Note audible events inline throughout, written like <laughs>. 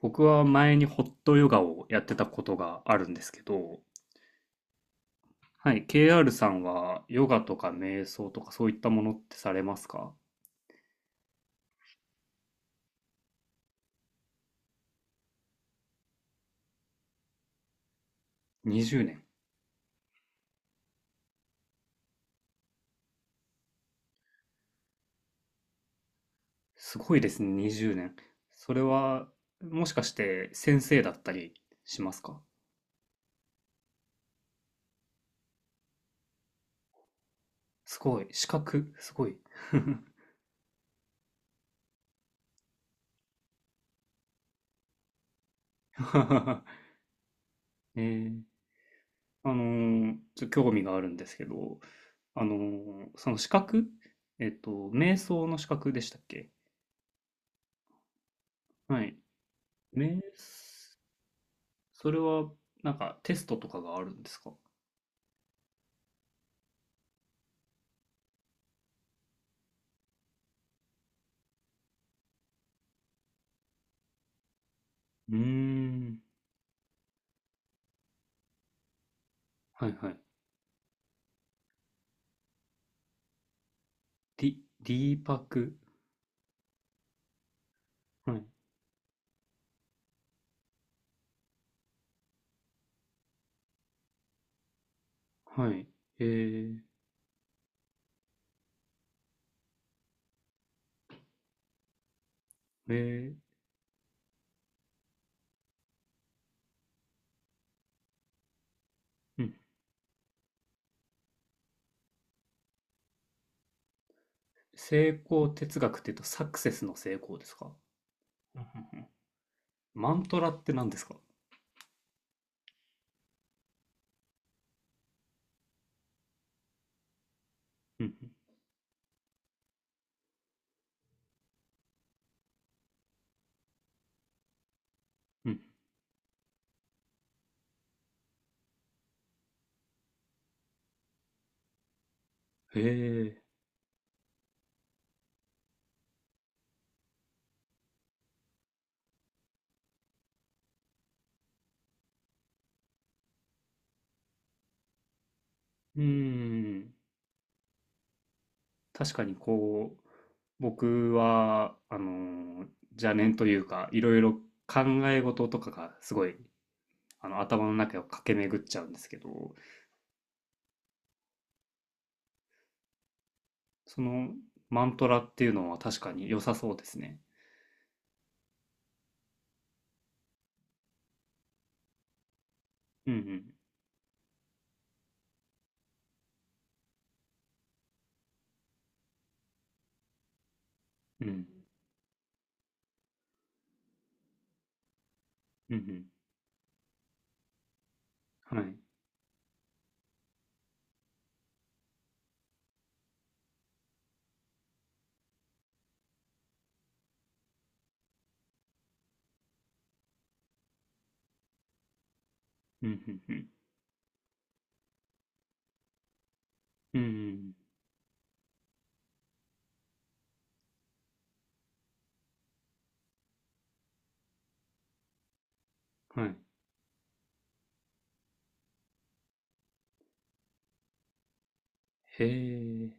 僕は前にホットヨガをやってたことがあるんですけど、はい、KR さんはヨガとか瞑想とかそういったものってされますか？ 20 年？すごいですね、20年。それは、もしかして先生だったりしますか？すごい、資格、すごい。<laughs> えーあのちょっと興味があるんですけど、その資格、瞑想の資格でしたっけ？はい。瞑それは、なんかテストとかがあるんですか？うーん。はいはい。ディーパク。はい。はい。えー、えうん。成功哲学って言うとサクセスの成功ですか？うんうん、うん。マントラって何ですか？うんうんうん。へえ。うーん。確かにこう、僕は、邪念というか、いろいろ考え事とかがすごい、頭の中を駆け巡っちゃうんですけど、そのマントラっていうのは確かに良さそうですね。うんうん。うん。うんうん。はい。うんうんうん。うんうん。はい。へえ。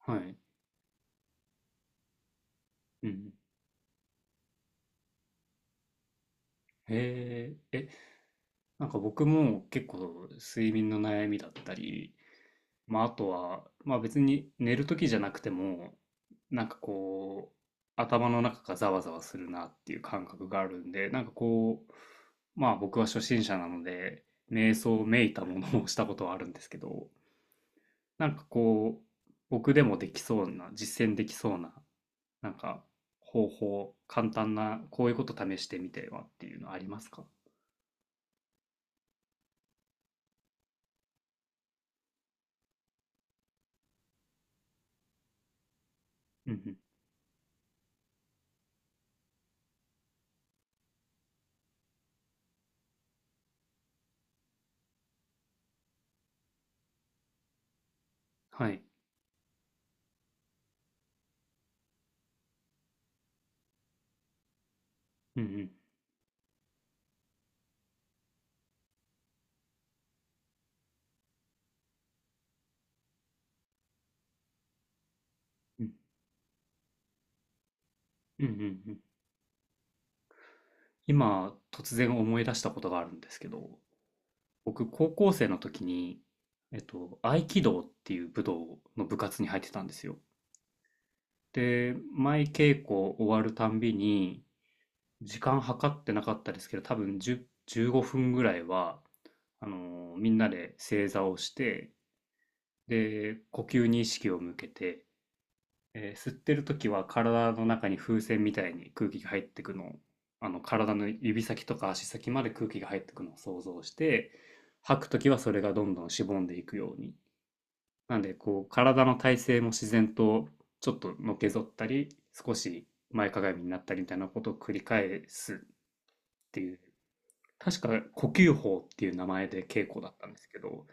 はい。うん。へえ。え、なんか僕も結構睡眠の悩みだったり、まああとは、まあ別に寝る時じゃなくても、なんかこう、頭の中がざわざわするなっていう感覚があるんで、なんかこう、まあ僕は初心者なので、瞑想めいたものをしたことはあるんですけど、なんかこう、僕でもできそうな、実践できそうな、なんか方法、簡単な、こういうこと試してみてはっていうのありますか？うんうん。はい。うんうん。うんうんうんうん。今、突然思い出したことがあるんですけど、僕、高校生の時に、合気道っていう武道の部活に入ってたんですよ。で、毎稽古終わるたんびに、時間計ってなかったですけど、多分10、15分ぐらいは、みんなで正座をして、で、呼吸に意識を向けて、吸ってる時は体の中に風船みたいに空気が入ってくのを、体の指先とか足先まで空気が入ってくのを想像して、吐く時はそれがどんどんしぼんでいくように。なんで、こう、体の体勢も自然とちょっとのけぞったり、少し前かがみになったりみたいなことを繰り返すっていう、確か呼吸法っていう名前で稽古だったんですけど、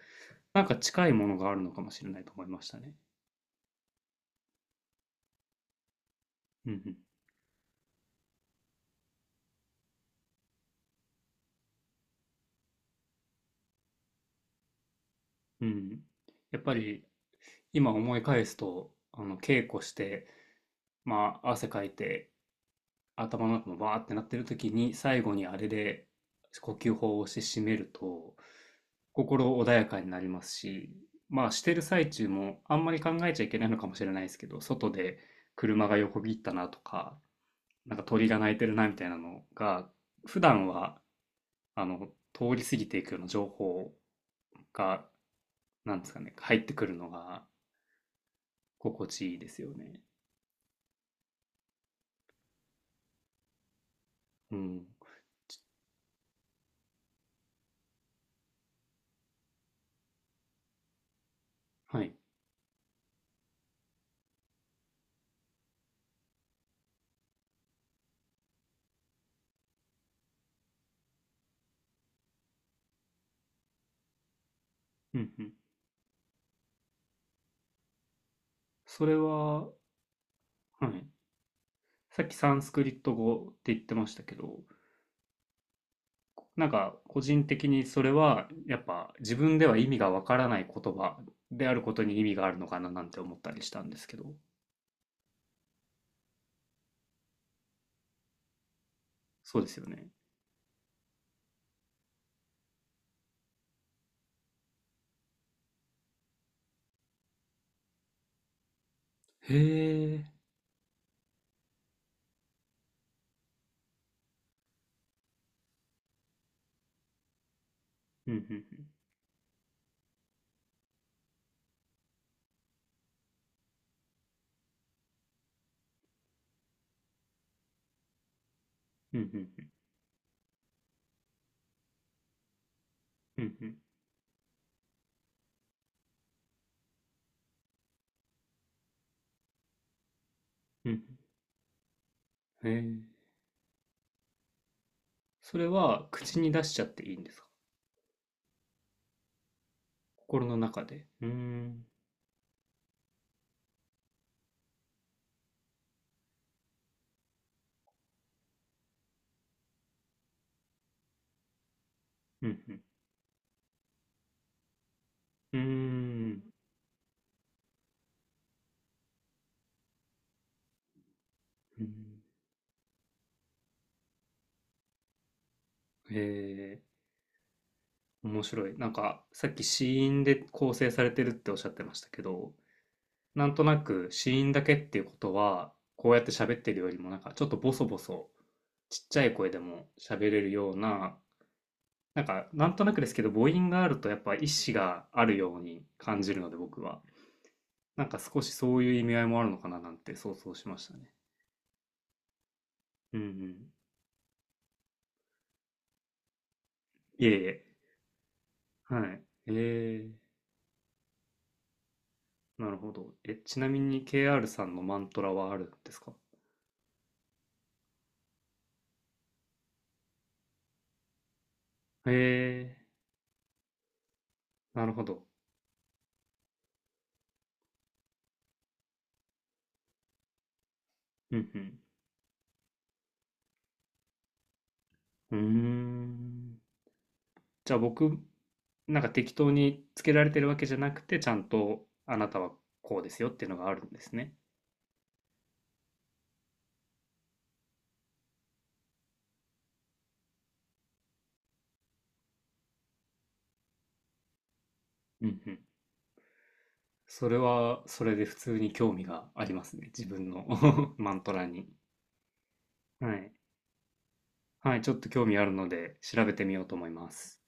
なんか近いものがあるのかもしれないと思いましたね。うんうん。うん。やっぱり今思い返すと、あの稽古して、まあ汗かいて頭の中もバーってなってる時に最後にあれで呼吸法をして締めると心穏やかになりますし、まあしてる最中もあんまり考えちゃいけないのかもしれないですけど、外で車が横切ったなとか、なんか鳥が鳴いてるなみたいなのが、普段は、通り過ぎていくような情報が、なんですかね、入ってくるのが心地いいですよね。うん。はい。うんうん。それは、はい。さっきサンスクリット語って言ってましたけど、なんか個人的にそれはやっぱ自分では意味がわからない言葉であることに意味があるのかななんて思ったりしたんですけど、そうですよね。へえ。うんうんうん。うんうんうん。うんうんうん。へえ。それは口に出しちゃっていいんですか？心の中で。うーん。うん、うん。うーん。うん。へえ。面白い。なんか、さっき子音で構成されてるっておっしゃってましたけど、なんとなく子音だけっていうことは、こうやって喋ってるよりも、なんかちょっとボソボソ、ちっちゃい声でも喋れるような、なんか、なんとなくですけど、母音があるとやっぱ意思があるように感じるので、僕は。なんか少しそういう意味合いもあるのかななんて想像しましたね。うんうん。いえいえ。はい。ええ、なるほど。え、ちなみに KR さんのマントラはあるんですか？ええ、なるほど。うんうん。うーん。じゃあ僕、なんか適当につけられてるわけじゃなくて、ちゃんとあなたはこうですよっていうのがあるんですね。うんうん。それは、それで普通に興味がありますね。自分の、 <laughs> マントラに。はい。はい、ちょっと興味あるので調べてみようと思います。